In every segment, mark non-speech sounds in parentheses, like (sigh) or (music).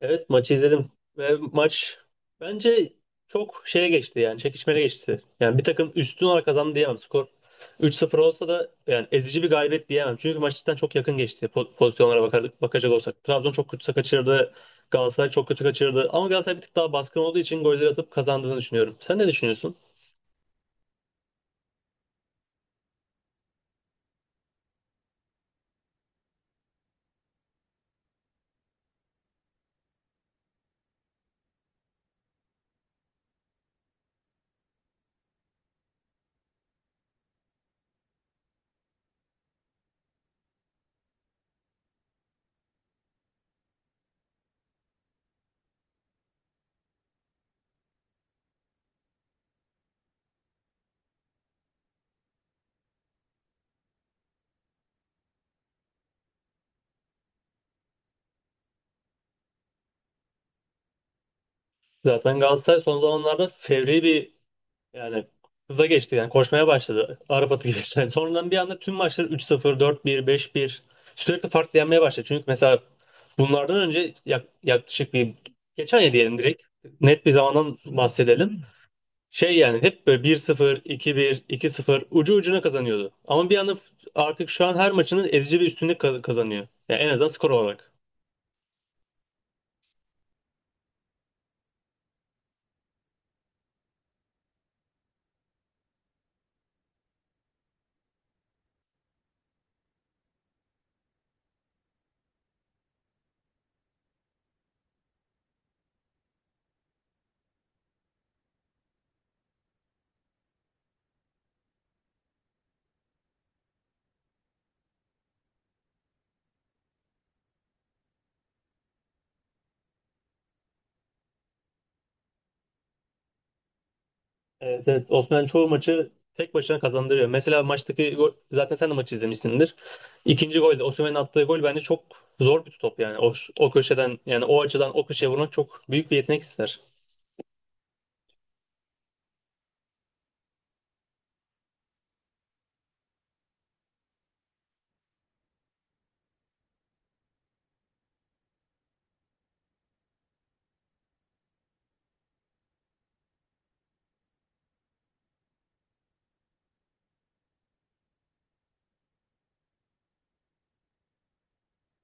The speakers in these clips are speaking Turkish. Evet, maçı izledim ve maç bence çok şeye geçti, yani çekişmeli geçti. Yani bir takım üstün olarak kazandı diyemem. Skor 3-0 olsa da yani ezici bir galibiyet diyemem. Çünkü maç cidden çok yakın geçti pozisyonlara bakacak olsak. Trabzon çok kötü kaçırdı. Galatasaray çok kötü kaçırdı. Ama Galatasaray bir tık daha baskın olduğu için golleri atıp kazandığını düşünüyorum. Sen ne düşünüyorsun? Zaten Galatasaray son zamanlarda fevri bir, yani hıza geçti, yani koşmaya başladı. Arap atı gibi. (laughs) Yani sonradan bir anda tüm maçları 3-0 4-1 5-1 sürekli farklı yenmeye başladı. Çünkü mesela bunlardan önce yaklaşık bir geçen ya, diyelim direkt net bir zamandan bahsedelim. Şey, yani hep böyle 1-0, 2-1, 2-0 ucu ucuna kazanıyordu. Ama bir anda artık şu an her maçının ezici bir üstünlük kazanıyor. Yani en azından skor olarak. Evet, evet. Osman çoğu maçı tek başına kazandırıyor. Mesela maçtaki gol, zaten sen de maçı izlemişsindir. İkinci golde Osimhen'in attığı gol bence çok zor bir top yani. O köşeden yani o açıdan o köşeye vurmak çok büyük bir yetenek ister.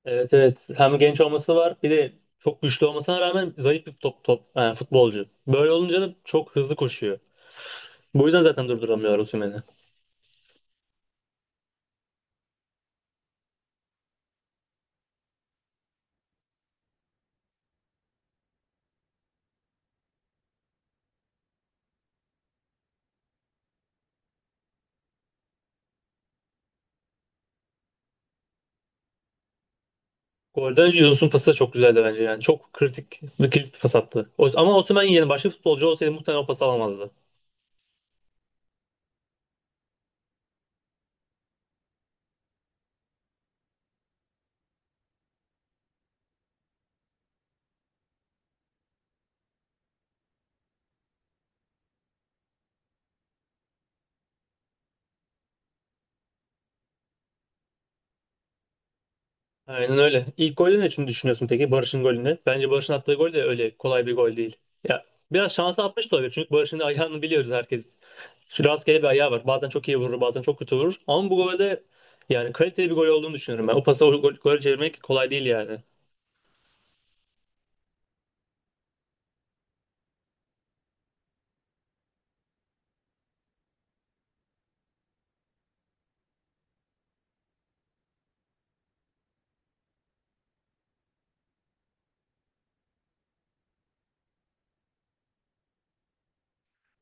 Evet, evet. Hem genç olması var, bir de çok güçlü olmasına rağmen zayıf bir top yani futbolcu. Böyle olunca da çok hızlı koşuyor. Bu yüzden zaten durduramıyorlar Osimhen'i. Golde Yunus'un pası da çok güzeldi bence yani. Çok kritik bir kilit bir pas attı. O- ama Osimhen yerine başka bir futbolcu olsaydı muhtemelen o pası alamazdı. Aynen öyle. İlk golde ne için düşünüyorsun peki Barış'ın golünde? Bence Barış'ın attığı gol de öyle kolay bir gol değil. Ya biraz şansa atmış da olabilir çünkü Barış'ın ayağını biliyoruz herkes. Şu rastgele bir ayağı var. Bazen çok iyi vurur, bazen çok kötü vurur. Ama bu golde yani kaliteli bir gol olduğunu düşünüyorum ben. O pası o gol, gole çevirmek kolay değil yani.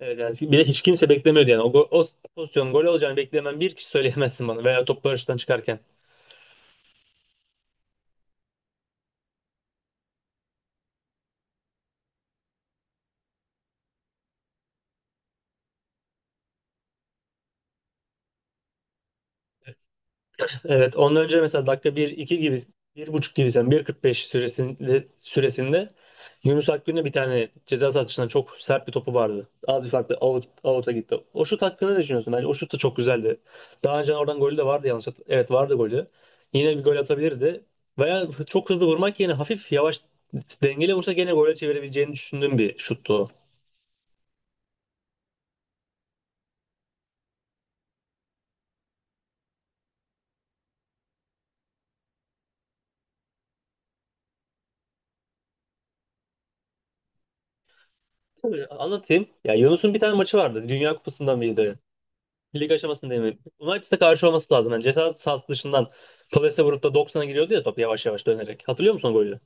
Evet, yani bir de hiç kimse beklemiyordu yani. O, o pozisyonun gol olacağını beklemen bir kişi söyleyemezsin bana veya top Barış'tan çıkarken. Evet, ondan önce mesela dakika 1-2 gibi, 1.5 gibi sen bir 45 süresinde Yunus Akgün'e bir tane ceza sahasından çok sert bir topu vardı. Az bir farkla out'a gitti. O şut hakkında ne düşünüyorsun? Bence o şut da çok güzeldi. Daha önce oradan golü de vardı yanlış. Evet, vardı golü. Yine bir gol atabilirdi. Veya çok hızlı vurmak yerine hafif yavaş dengeli vursa gene gole çevirebileceğini düşündüğüm bir şuttu o. Tabii, anlatayım. Ya, Yunus'un bir tane maçı vardı. Dünya Kupası'ndan biriydi. Lig aşamasında değil mi? United'a karşı olması lazım. Yani ceza sahası dışından plase vurup da 90'a giriyordu ya, top yavaş yavaş dönerek. Hatırlıyor musun o golü?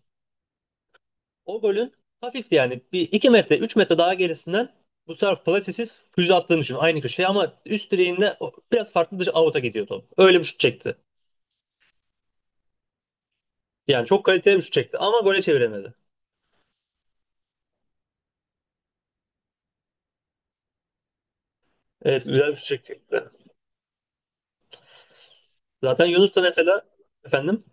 O golün hafifti yani. 1-2 metre 3 metre daha gerisinden bu sefer plasesiz füze attığını düşün. Aynı köşeye ama üst direğinde o- biraz farklı bir out'a gidiyor top. Öyle bir şut çekti. Yani çok kaliteli bir şut çekti ama gole çeviremedi. Evet, güzel bir şut çekti. Zaten Yunus da mesela efendim.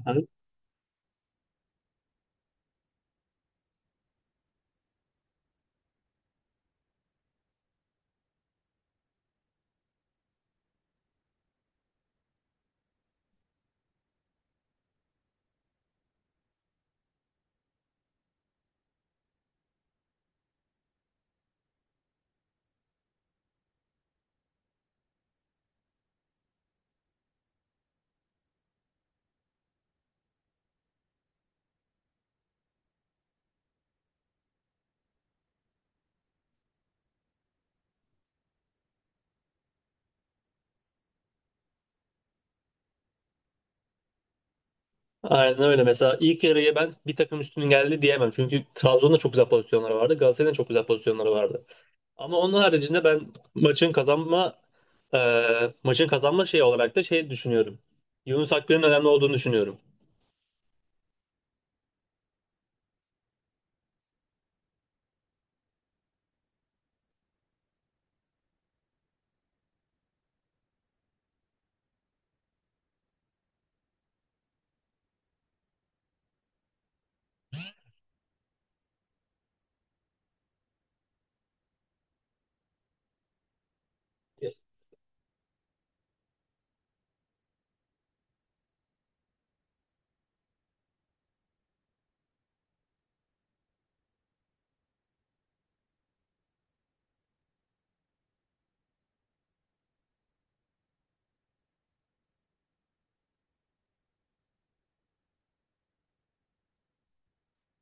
Efendim? Aynen öyle. Mesela ilk yarıya ben bir takım üstünün geldi diyemem. Çünkü Trabzon'da çok güzel pozisyonları vardı. Galatasaray'da çok güzel pozisyonları vardı. Ama onun haricinde ben maçın kazanma, e, maçın kazanma şeyi olarak da şey düşünüyorum. Yunus Akgün'ün önemli olduğunu düşünüyorum.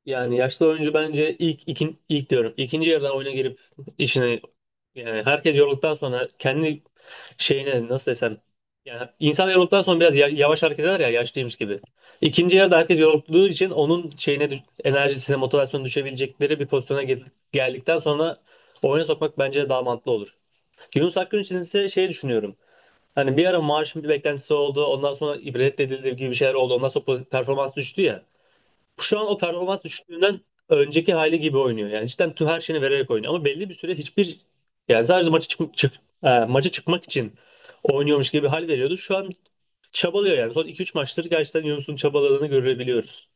Yani yaşlı oyuncu bence ilk ilk diyorum. İkinci yarıda oyuna girip işine, yani herkes yorulduktan sonra kendi şeyine nasıl desem, yani insan yorulduktan sonra biraz yavaş hareket eder ya, yaşlıymış gibi. İkinci yarıda herkes yorulduğu için onun şeyine enerjisine motivasyonu düşebilecekleri bir pozisyona geldikten sonra oyuna sokmak bence daha mantıklı olur. Yunus Akgün için ise şey düşünüyorum. Hani bir ara maaşın bir beklentisi oldu. Ondan sonra ibret edildi gibi bir şeyler oldu. Ondan sonra performans düştü ya. Şu an o performans düşüklüğünden önceki hali gibi oynuyor. Yani cidden tüm her şeyini vererek oynuyor. Ama belli bir süre hiçbir, yani sadece maça maça çıkmak için oynuyormuş gibi bir hal veriyordu. Şu an çabalıyor yani. Son 2-3 maçtır gerçekten Yunus'un çabaladığını görebiliyoruz.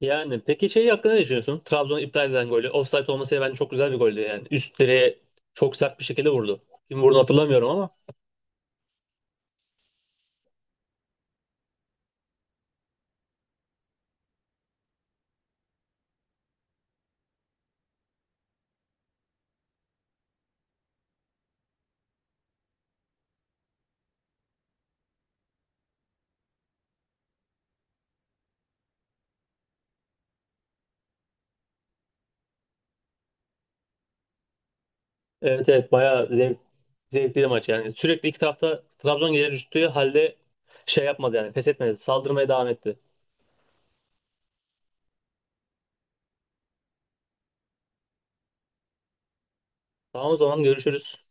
Yani peki şey hakkında ne düşünüyorsun? Trabzon'un iptal eden golü. Offside olmasıyla bence çok güzel bir goldü yani. Üst direğe çok sert bir şekilde vurdu. Kim vurdu hatırlamıyorum ama evet, evet, bayağı zevkli bir maç yani. Sürekli iki tarafta Trabzon geri düştüğü halde şey yapmadı yani, pes etmedi. Saldırmaya devam etti. Tamam, o zaman görüşürüz.